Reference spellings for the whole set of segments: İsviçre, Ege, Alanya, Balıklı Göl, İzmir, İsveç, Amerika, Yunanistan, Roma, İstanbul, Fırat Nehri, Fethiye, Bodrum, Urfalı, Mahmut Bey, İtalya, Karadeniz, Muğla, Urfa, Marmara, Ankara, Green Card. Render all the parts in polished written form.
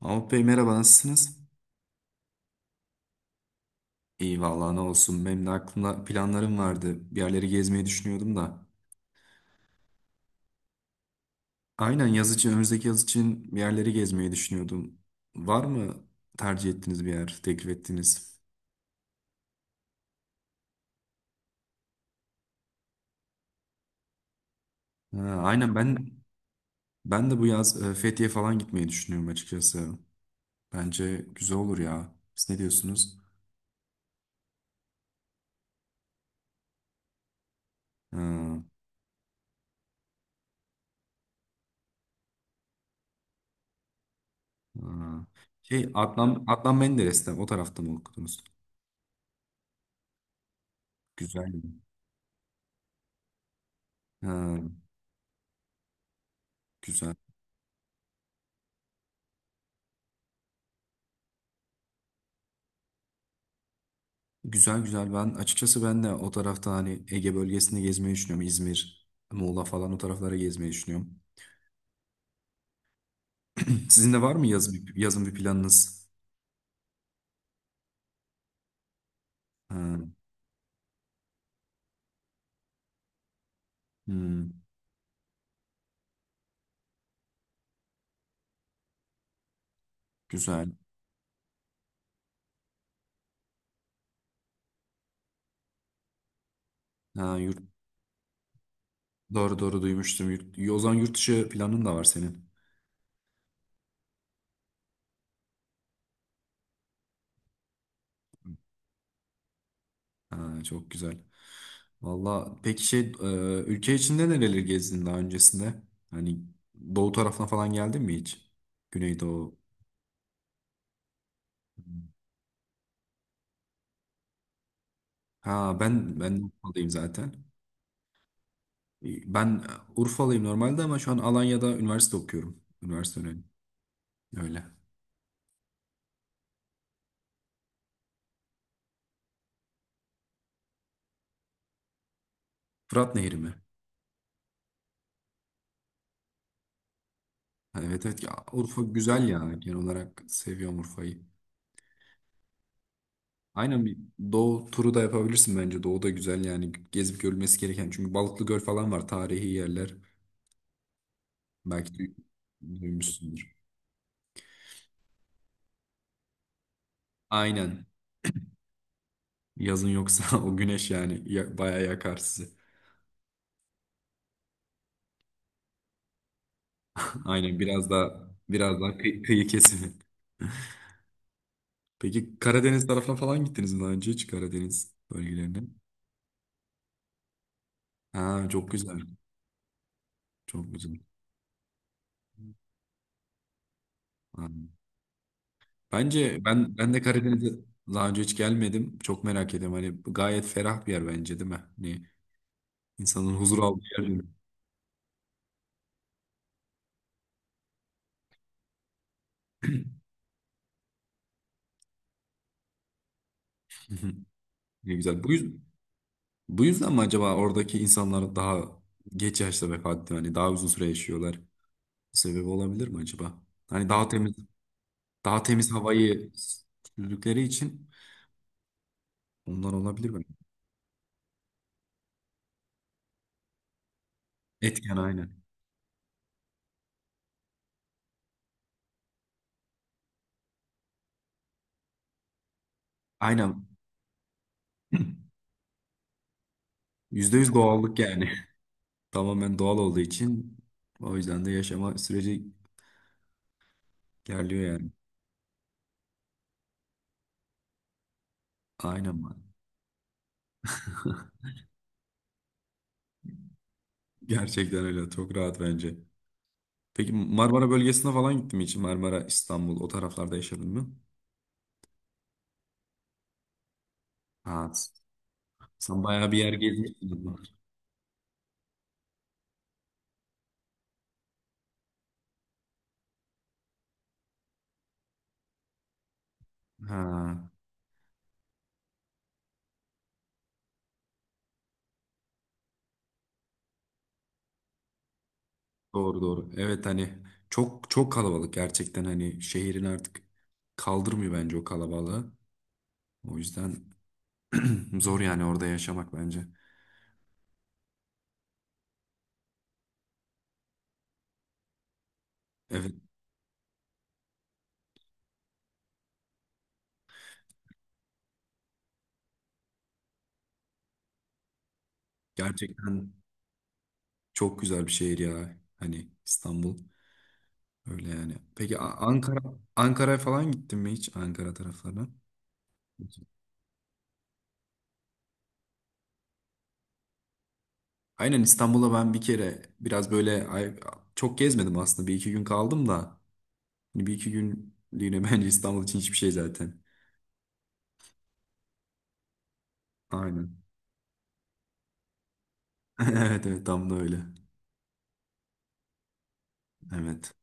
Mahmut Bey merhaba, nasılsınız? İyi vallahi, ne olsun, benim de aklımda planlarım vardı. Bir yerleri gezmeyi düşünüyordum da. Aynen, yaz için, önümüzdeki yaz için bir yerleri gezmeyi düşünüyordum. Var mı tercih ettiğiniz bir yer, teklif ettiğiniz? Ha, aynen, ben de bu yaz Fethiye falan gitmeyi düşünüyorum açıkçası. Bence güzel olur ya. Siz ne diyorsunuz? Ha, ha. Şey, Adnan Menderes'te o tarafta mı okudunuz? Güzel. Ha, güzel. Güzel, güzel, ben açıkçası, ben de o tarafta, hani Ege bölgesinde gezmeyi düşünüyorum. İzmir, Muğla falan o taraflara gezmeyi düşünüyorum. Sizin de var mı yaz, yazın bir planınız? Ha, hmm, güzel. Ha, yurt, doğru, doğru, duymuştum. Yurt, o zaman yurt dışı planın da var senin. Ha, çok güzel. Valla peki, şey, ülke içinde nereleri gezdin daha öncesinde? Hani doğu tarafına falan geldin mi hiç? Güneydoğu. Hmm. Ha, ben Urfa'dayım zaten. Ben Urfalıyım normalde ama şu an Alanya'da üniversite okuyorum. Üniversite önemli. Öyle. Fırat Nehri mi? Ha, evet, evet ya, Urfa güzel yani, genel olarak seviyorum Urfa'yı. Aynen, bir doğu turu da yapabilirsin bence. Doğu da güzel yani, gezip görülmesi gereken. Çünkü Balıklı Göl falan var, tarihi yerler. Belki duymuşsundur. Aynen. Yazın yoksa o güneş yani ya, bayağı yakar sizi. Aynen, biraz daha, kıyı kesimi. Peki Karadeniz tarafına falan gittiniz mi daha önce, hiç Karadeniz bölgelerine? Ha, çok güzel. Çok güzel. Ha. Bence ben de Karadeniz'e daha önce hiç gelmedim. Çok merak ediyorum. Hani gayet ferah bir yer bence, değil mi? Hani insanın huzur aldığı yer, değil mi? Ne güzel. Bu yüzden mi acaba oradaki insanlar daha geç yaşta vefat ediyor? Hani daha uzun süre yaşıyorlar. Bu sebebi olabilir mi acaba? Hani daha temiz, daha temiz havayı sürdükleri için ondan olabilir mi? Etken aynı. Aynen. Yüzde yüz doğallık yani. Tamamen doğal olduğu için o yüzden de yaşama süreci gerliyor yani. Aynen var. Gerçekten öyle. Çok rahat bence. Peki Marmara bölgesine falan gittin mi hiç? Marmara, İstanbul, o taraflarda yaşadın mı? Ha, sen bayağı bir yer gezmişsin o zaman. Ha, doğru, doğru. Evet, hani çok kalabalık gerçekten, hani şehrin artık kaldırmıyor bence o kalabalığı. O yüzden zor yani orada yaşamak bence. Evet, gerçekten çok güzel bir şehir ya, hani İstanbul. Öyle yani. Peki, Ankara, Ankara'ya falan gittin mi hiç? Ankara taraflarına. Aynen, İstanbul'a ben bir kere, biraz böyle çok gezmedim aslında. Bir iki gün kaldım da. Hani bir iki günlüğüne bence İstanbul için hiçbir şey zaten. Aynen. Evet, evet, tam da öyle. Evet.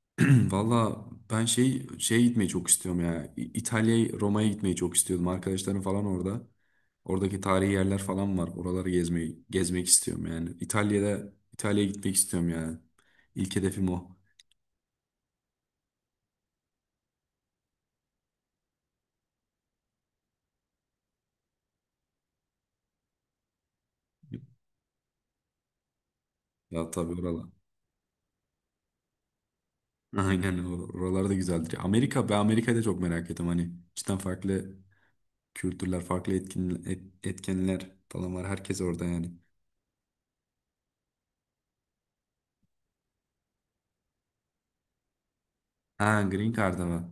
Valla ben şey, şeye gitmeyi çok istiyorum ya. İtalya'ya, Roma'ya gitmeyi çok istiyordum. Arkadaşlarım falan orada. Oradaki tarihi yerler falan var. Oraları gezmeyi, gezmek istiyorum yani. İtalya'da, İtalya'ya gitmek istiyorum yani. İlk hedefim o. Ya tabii, oralar. Aynen, oralar da güzeldir. Amerika, ben Amerika'da çok merak ettim. Hani cidden farklı kültürler, farklı etkin, etkenler falan var. Herkes orada yani. Ha, Green Card'a var.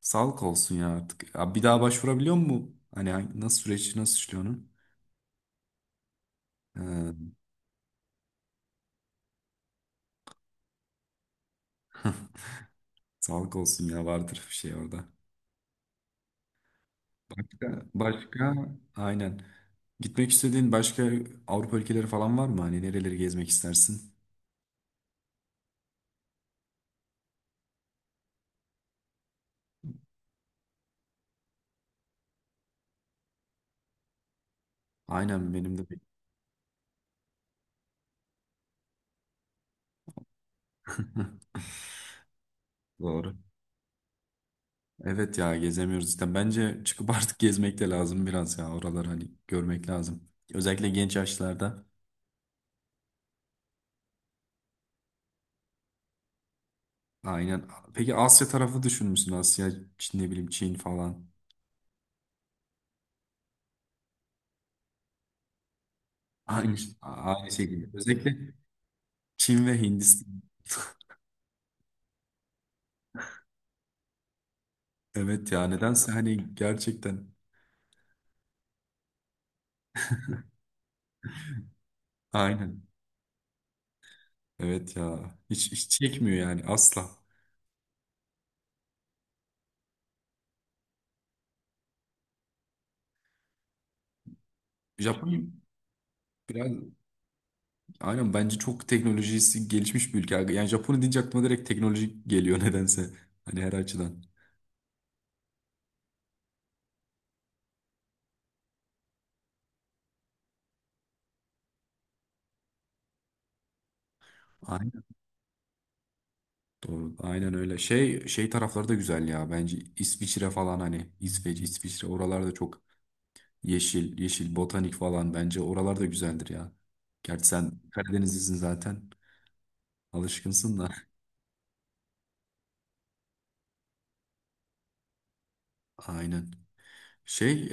Sağlık olsun ya artık. Ya bir daha başvurabiliyor mu? Hani hangi-, nasıl süreç, nasıl işliyor onun? Ee, sağlık olsun ya, vardır bir şey orada. Başka? Başka aynen. Gitmek istediğin başka Avrupa ülkeleri falan var mı? Hani nereleri gezmek istersin? Aynen, benim de. Bir- Doğru. Evet ya, gezemiyoruz işte. Bence çıkıp artık gezmek de lazım biraz ya. Oraları hani görmek lazım. Özellikle genç yaşlarda. Aynen. Peki Asya tarafı düşünmüşsün. Asya, Çin, ne bileyim, Çin falan. Aynı, aynı şekilde. Özellikle Çin ve Hindistan. Evet ya, nedense hani gerçekten aynen. Evet ya, hiç, hiç çekmiyor yani, asla. Japonya biraz, aynen, bence çok teknolojisi gelişmiş bir ülke. Yani Japonya deyince aklıma direkt teknoloji geliyor nedense. Hani her açıdan. Aynen, doğru. Aynen öyle. Şey tarafları da güzel ya, bence İsviçre falan, hani İsveç, İsviçre, oralarda çok yeşil, yeşil botanik falan, bence oralar da güzeldir ya. Gerçi sen Karadenizlisin zaten. Alışkınsın da. Aynen. Şey,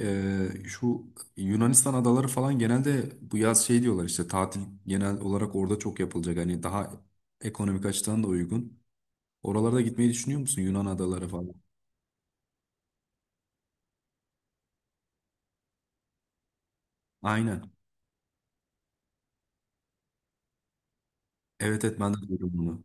şu Yunanistan adaları falan, genelde bu yaz şey diyorlar işte, tatil genel olarak orada çok yapılacak. Hani daha ekonomik açıdan da uygun. Oralarda gitmeyi düşünüyor musun, Yunan adaları falan? Aynen. Evet, evet, ben de duydum bunu.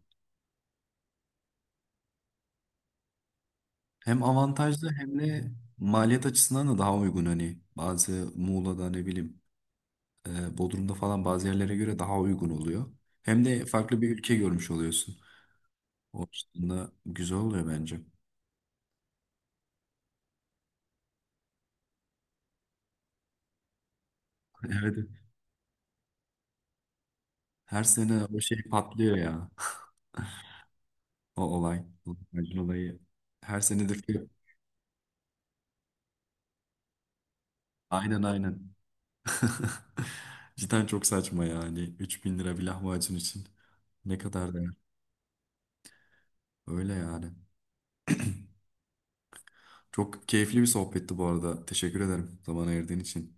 Hem avantajlı hem de maliyet açısından da daha uygun, hani bazı Muğla'da, ne bileyim, Bodrum'da falan, bazı yerlere göre daha uygun oluyor. Hem de farklı bir ülke görmüş oluyorsun. O açıdan da güzel oluyor bence. Evet. Her sene o şey patlıyor ya. O olay. Bu Acun olayı. Her sene de fiyat- Aynen, aynen. Cidden çok saçma yani. 3.000 lira bir lahmacun için. Ne kadar değer. Öyle yani. Çok keyifli bir sohbetti bu arada. Teşekkür ederim zaman ayırdığın için.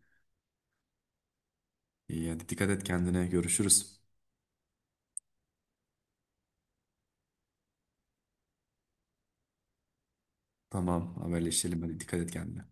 İyi, hadi dikkat et kendine. Görüşürüz. Tamam, haberleşelim, hadi dikkat et kendine.